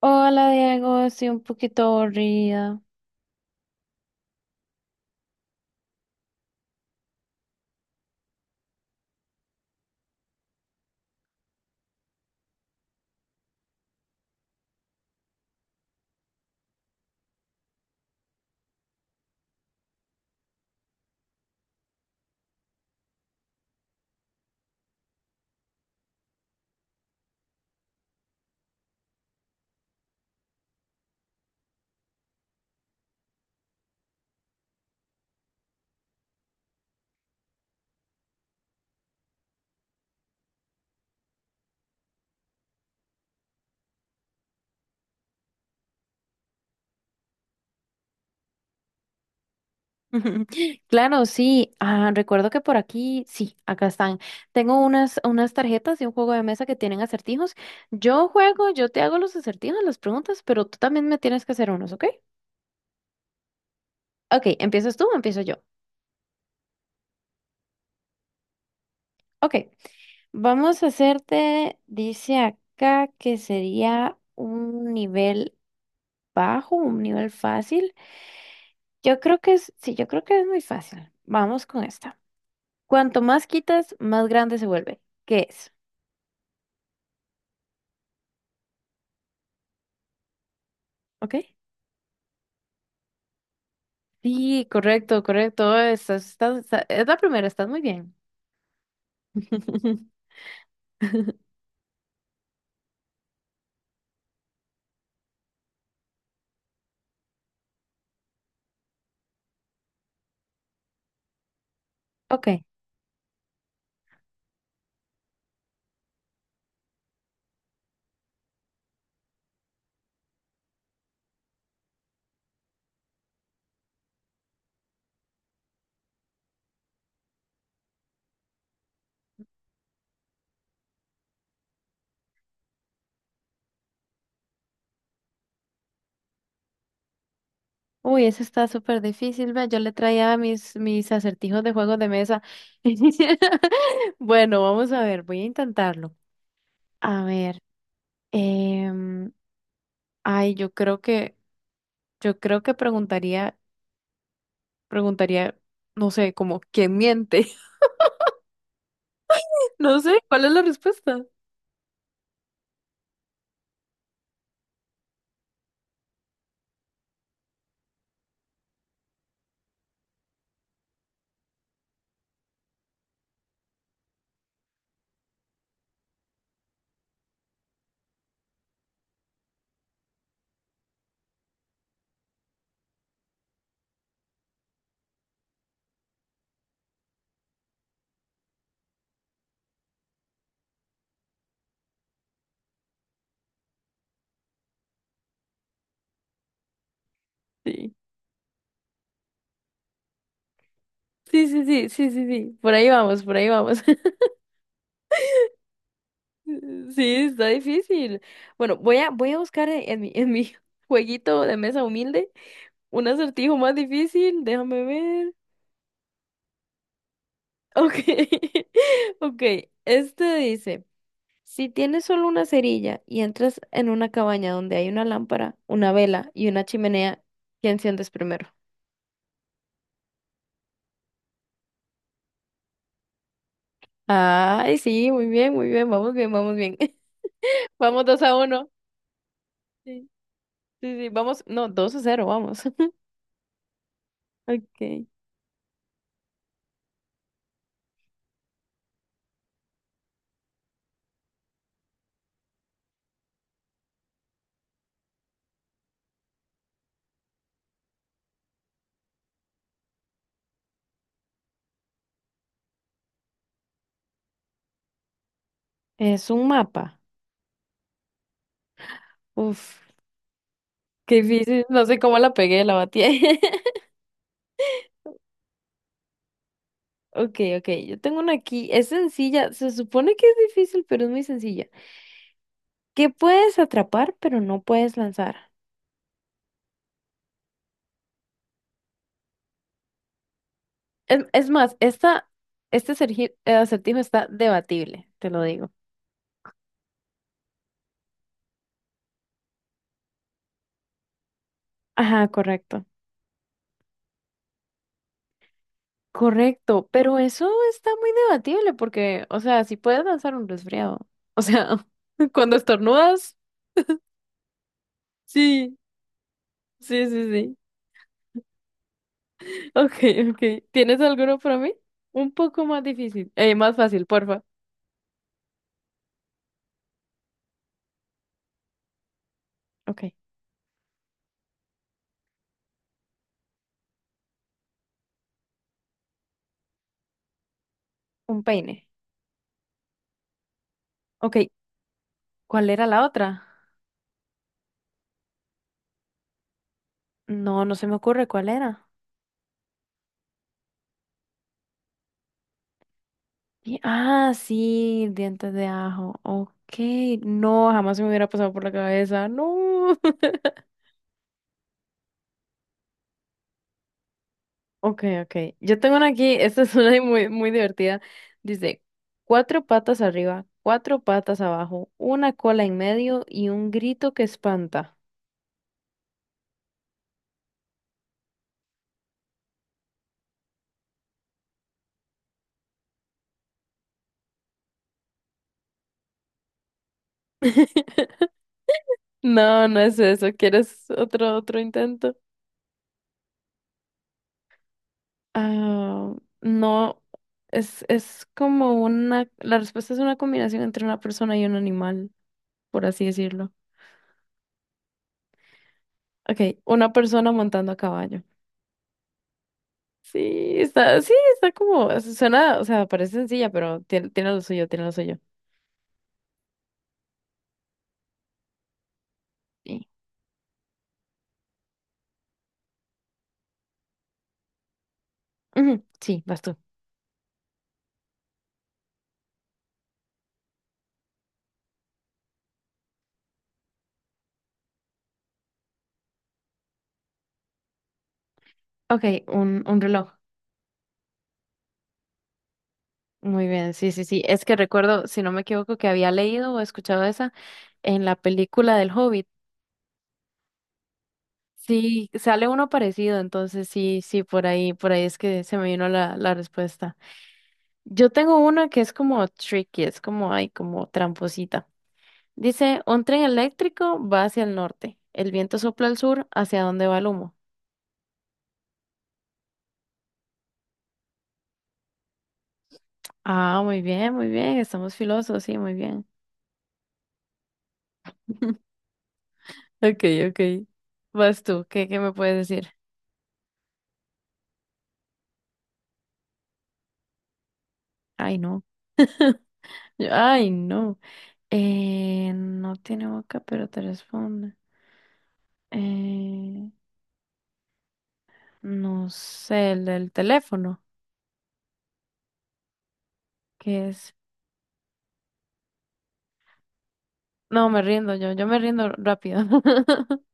Hola Diego, estoy un poquito aburrida. Claro, sí, ah, recuerdo que por aquí, sí, acá están. Tengo unas tarjetas de un juego de mesa que tienen acertijos. Yo juego, yo te hago los acertijos, las preguntas, pero tú también me tienes que hacer unos, ¿ok? Ok, ¿empiezas tú o empiezo yo? Ok, vamos a hacerte, dice acá que sería un nivel bajo, un nivel fácil. Yo creo que es, sí, yo creo que es muy fácil. Vamos con esta. Cuanto más quitas, más grande se vuelve. ¿Qué es? ¿Ok? Sí, correcto, correcto. Es la primera. Estás muy bien. Ok. Uy, eso está súper difícil. Ve, yo le traía mis acertijos de juegos de mesa. Bueno, vamos a ver, voy a intentarlo. A ver, em, ay, yo creo que, yo creo que preguntaría, no sé, como, ¿quién miente? No sé, ¿cuál es la respuesta? Sí. Sí, sí, sí, sí, sí, sí. Por ahí vamos, por ahí vamos. Sí, está difícil. Bueno, voy a buscar en mi jueguito de mesa humilde un acertijo más difícil. Déjame ver. Ok, ok. Este dice, si tienes solo una cerilla y entras en una cabaña donde hay una lámpara, una vela y una chimenea, ¿qué enciendes primero? Ay, sí, muy bien, muy bien. Vamos bien, vamos bien. Vamos 2-1. Sí, sí, sí, vamos. No, 2-0, vamos. Ok. Es un mapa. Uf, qué difícil. No sé cómo la pegué, la batí. Ok, ok, yo tengo una aquí. Es sencilla. Se supone que es difícil, pero es muy sencilla. ¿Qué puedes atrapar, pero no puedes lanzar? Es más, acertijo está debatible, te lo digo. Ajá, correcto. Correcto, pero eso está muy debatible porque, o sea, si puedes lanzar un resfriado. O sea, cuando estornudas. Sí, sí, sí, sí. Ok, ok. ¿Tienes alguno para mí? Un poco más difícil. Más fácil, porfa. Ok. Un peine. Ok. ¿Cuál era la otra? No, no se me ocurre cuál era. Ah, sí, dientes de ajo. Ok. No, jamás se me hubiera pasado por la cabeza. No. Ok, ok. Yo tengo una aquí. Esta es una muy, muy divertida. Dice, cuatro patas arriba, cuatro patas abajo, una cola en medio y un grito que espanta. No, no es eso. ¿Quieres otro intento? Ah, no, es como la respuesta es una combinación entre una persona y un animal, por así decirlo. Ok, una persona montando a caballo. Sí, sí, está como, suena, o sea, parece sencilla, pero tiene lo suyo, tiene lo suyo. Sí. Ujú, sí, vas tú. Ok, un reloj. Muy bien, sí, sí, sí. Es que recuerdo, si no me equivoco, que había leído o escuchado esa en la película del Hobbit. Sí, sale uno parecido, entonces sí, sí, por ahí es que se me vino la respuesta. Yo tengo una que es como tricky, es como, ay, como tramposita. Dice, un tren eléctrico va hacia el norte, el viento sopla al sur, ¿hacia dónde va el humo? Ah, muy bien, estamos filosos, sí, muy bien. Ok, ok. Vas tú, ¿qué me puedes decir? Ay, no. Ay, no. No tiene boca, pero te responde. Eh, no sé, el del teléfono. ¿Qué es? No, me rindo yo, yo me rindo rápido.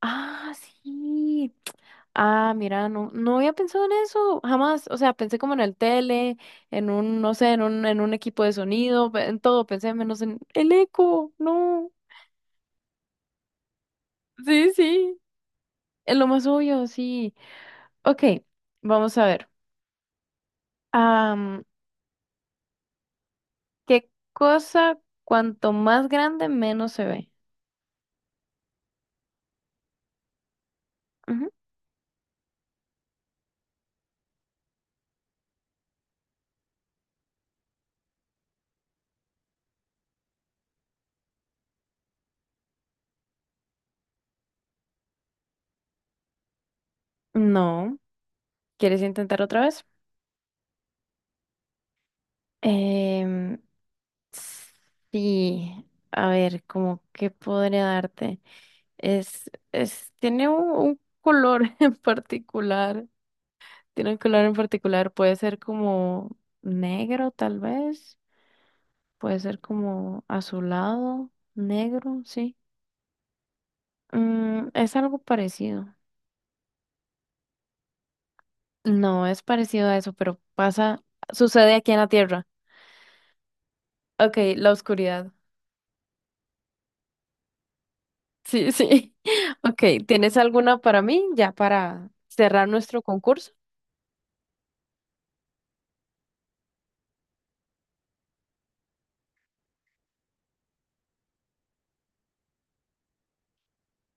Ah, sí. Ah, mira, no, no había pensado en eso, jamás. O sea, pensé como en el tele, no sé, en un equipo de sonido, en todo, pensé menos en el eco, no. Sí, sí, es lo más obvio, sí. Ok, vamos a ver. Am, ¿Qué cosa cuanto más grande menos se ve? Ujú. No, ¿quieres intentar otra vez? Em, Sí, a ver, como qué podría darte. Tiene un color en particular. Tiene un color en particular. Puede ser como negro, tal vez. Puede ser como azulado, negro, sí. Es algo parecido. No, es parecido a eso, pero sucede aquí en la Tierra. Ok, la oscuridad. Sí, sí. Ok, ¿tienes alguna para mí ya para cerrar nuestro concurso?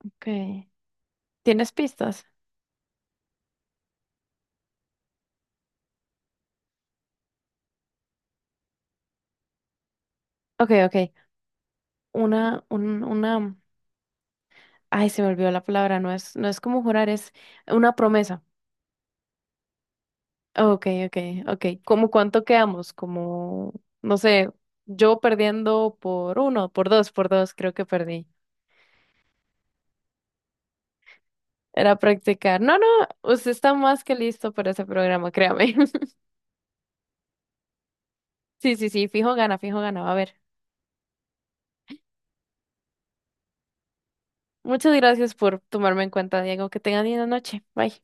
Okay. ¿Tienes pistas? Ok, ok. Una, un, una. Ay, se me olvidó la palabra. No es como jurar, es una promesa. Ok, ok, ok. ¿Cómo cuánto quedamos? Como, no sé, yo perdiendo por uno, por dos, creo que perdí. Era practicar. No, no, usted está más que listo para ese programa, créame. Sí, sí, sí, fijo gana, fijo gana. Va a ver. Muchas gracias por tomarme en cuenta, Diego. Que tengan linda noche. Bye.